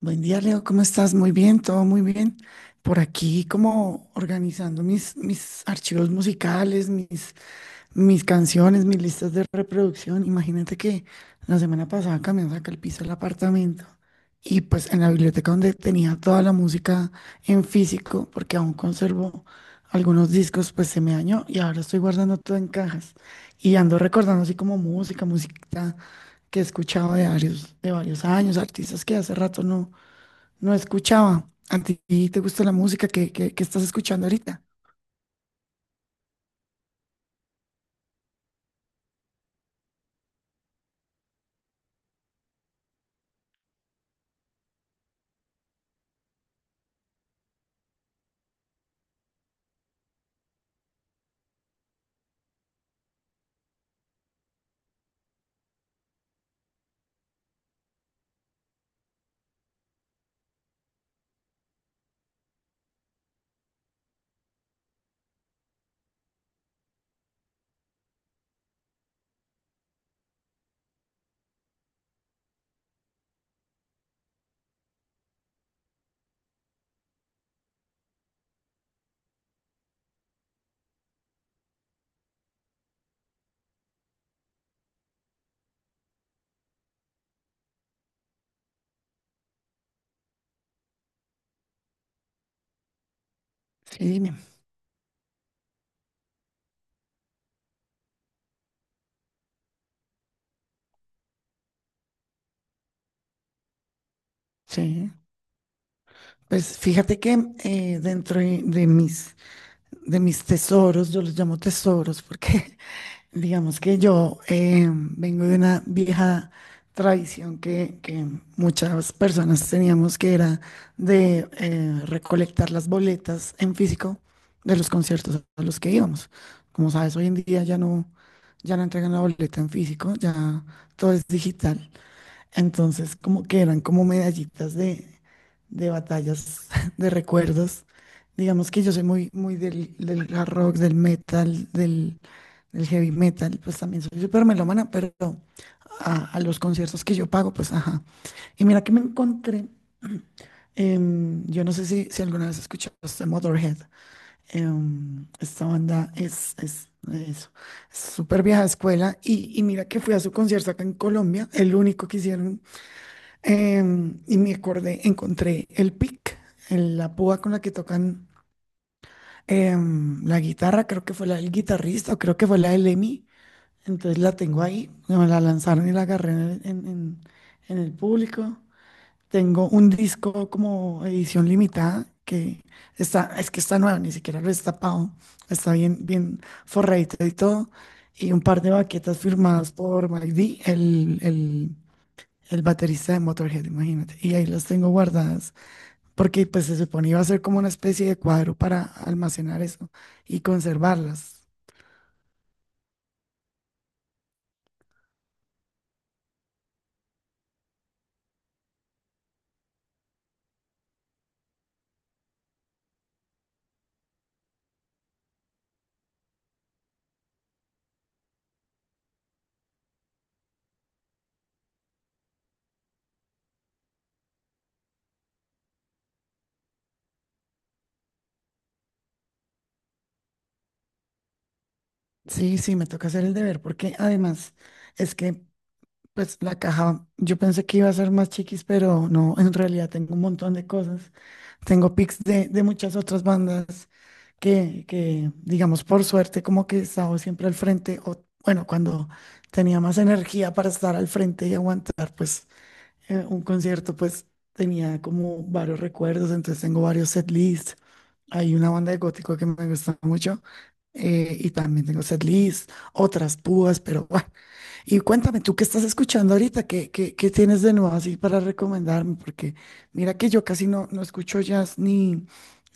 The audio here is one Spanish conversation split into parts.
Buen día, Leo. ¿Cómo estás? Muy bien, todo muy bien. Por aquí como organizando mis archivos musicales, mis canciones, mis listas de reproducción. Imagínate que la semana pasada cambiamos acá el piso del apartamento y pues en la biblioteca donde tenía toda la música en físico, porque aún conservo algunos discos, pues se me dañó y ahora estoy guardando todo en cajas y ando recordando así como música, música que he escuchado de varios años, artistas que hace rato no escuchaba. ¿A ti te gusta la música que estás escuchando ahorita? Sí, dime. Sí. Pues fíjate que dentro de mis tesoros, yo los llamo tesoros porque Digamos que yo vengo de una vieja tradición que muchas personas teníamos, que era de recolectar las boletas en físico de los conciertos a los que íbamos. Como sabes, hoy en día ya no entregan la boleta en físico, ya todo es digital. Entonces, como que eran como medallitas de batallas, de recuerdos. Digamos que yo soy muy, muy del hard rock, del metal, del heavy metal, pues también soy súper melómana, pero a los conciertos que yo pago, pues ajá. Y mira que me encontré, yo no sé si alguna vez escuchaste Motorhead, esta banda es eso, es súper vieja escuela, y mira que fui a su concierto acá en Colombia, el único que hicieron. Y me acordé, encontré el pick, la púa con la que tocan la guitarra, creo que fue la del guitarrista o creo que fue la del Emi. Entonces la tengo ahí, me la lanzaron y la agarré en el público. Tengo un disco como edición limitada que está nuevo, ni siquiera lo he destapado, está bien, bien forradito y todo. Y un par de baquetas firmadas por Mike D, el baterista de Motorhead, imagínate. Y ahí las tengo guardadas, porque pues se supone iba a ser como una especie de cuadro para almacenar eso y conservarlas. Sí, sí, me toca hacer el deber, porque además es que pues la caja, yo pensé que iba a ser más chiquis, pero no, en realidad tengo un montón de cosas. Tengo pics de muchas otras bandas que, digamos, por suerte, como que he estado siempre al frente, o bueno, cuando tenía más energía para estar al frente y aguantar, pues un concierto, pues tenía como varios recuerdos, entonces tengo varios setlists. Hay una banda de gótico que me gusta mucho, y también tengo setlists, otras púas, pero bueno. Y cuéntame, ¿tú qué estás escuchando ahorita? ¿Qué tienes de nuevo así para recomendarme? Porque mira que yo casi no escucho jazz ni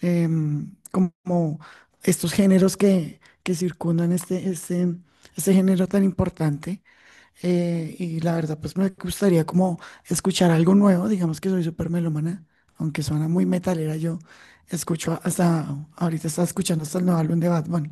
como estos géneros que circundan este género tan importante, y la verdad, pues me gustaría como escuchar algo nuevo, digamos que soy súper melómana, aunque suena muy metalera, yo escucho hasta, ahorita estaba escuchando hasta el nuevo álbum de Bad Bunny.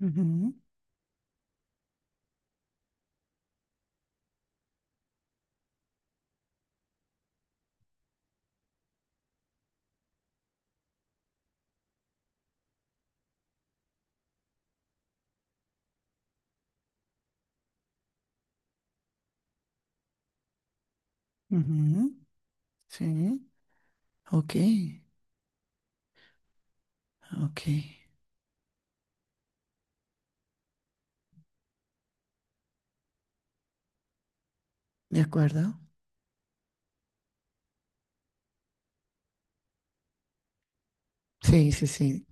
Ujú, ujú, sí, ok, ok, de acuerdo. Sí, sí, sí,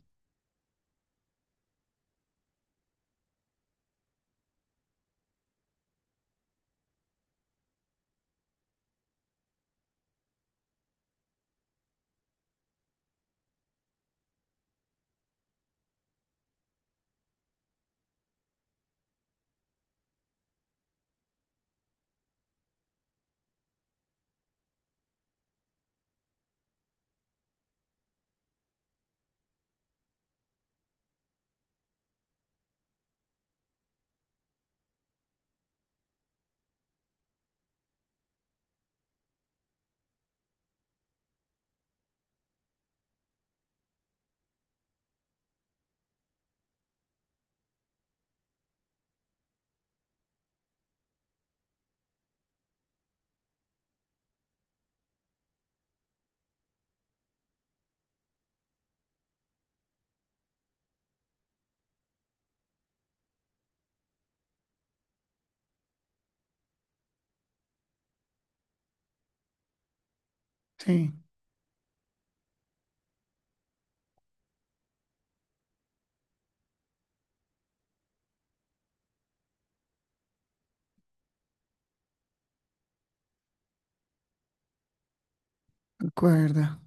sí, de acuerdo.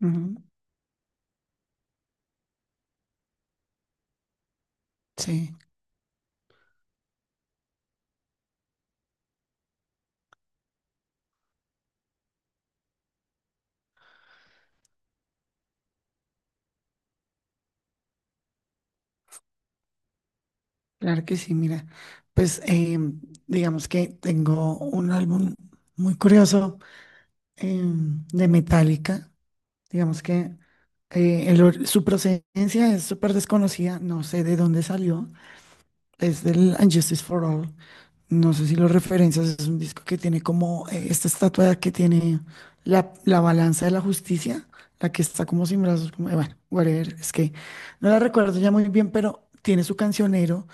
Ujú, sí, claro que sí, mira, pues digamos que tengo un álbum muy curioso, de Metallica, digamos que... Su procedencia es súper desconocida, no sé de dónde salió. Es del And Justice for All. No sé si lo referencias, es un disco que tiene como esta estatua que tiene la balanza de la justicia, la que está como sin brazos, como, bueno, whatever, es que no la recuerdo ya muy bien, pero tiene su cancionero,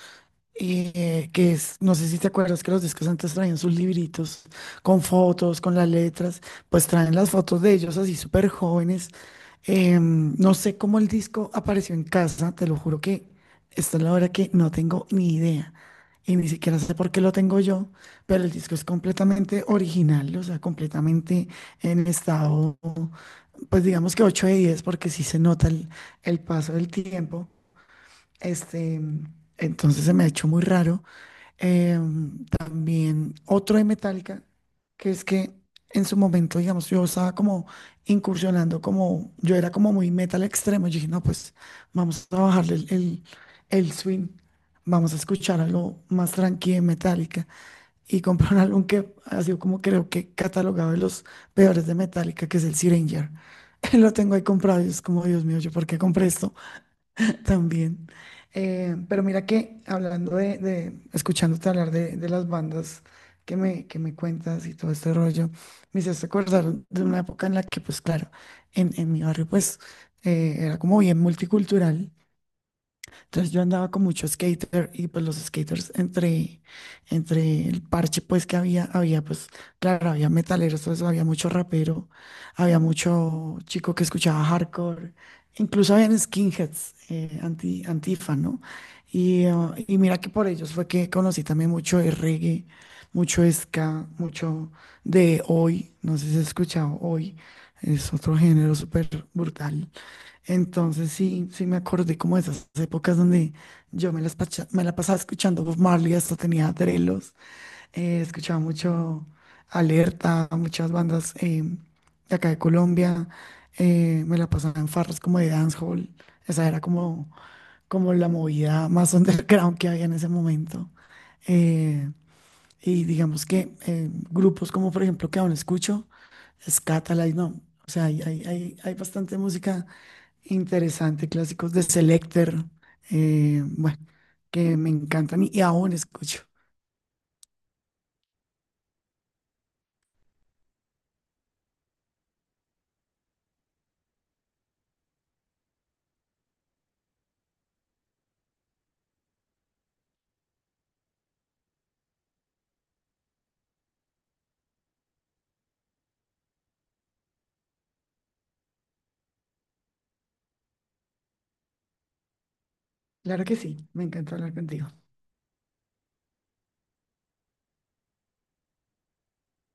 que es, no sé si te acuerdas que los discos antes traían sus libritos con fotos, con las letras, pues traen las fotos de ellos así súper jóvenes. No sé cómo el disco apareció en casa, te lo juro que esta es la hora que no tengo ni idea. Y ni siquiera sé por qué lo tengo yo, pero el disco es completamente original, o sea, completamente en estado, pues digamos que 8 de 10 porque sí se nota el paso del tiempo. Este, entonces se me ha hecho muy raro. También otro de Metallica, que es que en su momento, digamos, yo estaba como incursionando, como yo era como muy metal extremo. Yo dije, no, pues vamos a bajarle el swing, vamos a escuchar algo más tranquilo de Metallica. Y compré un álbum que ha sido como creo que catalogado de los peores de Metallica, que es el Syringer. Lo tengo ahí comprado y es como, Dios mío, ¿yo por qué compré esto? También. Pero mira que hablando escuchándote hablar de las bandas que me cuentas y todo este rollo, me hiciste acordar de una época en la que, pues claro, en mi barrio, pues era como bien multicultural. Entonces yo andaba con mucho skater y pues los skaters entre el parche pues que había pues, claro, había metaleros, todo eso, había mucho rapero, había mucho chico que escuchaba hardcore, incluso habían skinheads, antifa, ¿no? Y mira que por ellos fue que conocí también mucho de reggae, mucho ska, mucho de hoy, no sé si has escuchado hoy, es otro género súper brutal. Entonces sí, sí me acordé como de esas épocas donde yo me la pasaba escuchando Bob Marley, hasta tenía drelos, escuchaba mucho Alerta, muchas bandas, de acá de Colombia, me la pasaba en farras como de dancehall, esa era como, la movida más underground que había en ese momento. Eh, y digamos que grupos como por ejemplo que aún escucho, Scatalight, no. O sea, hay bastante música interesante, clásicos de Selecter, bueno, que me encantan y aún escucho. Claro que sí, me encanta hablar contigo.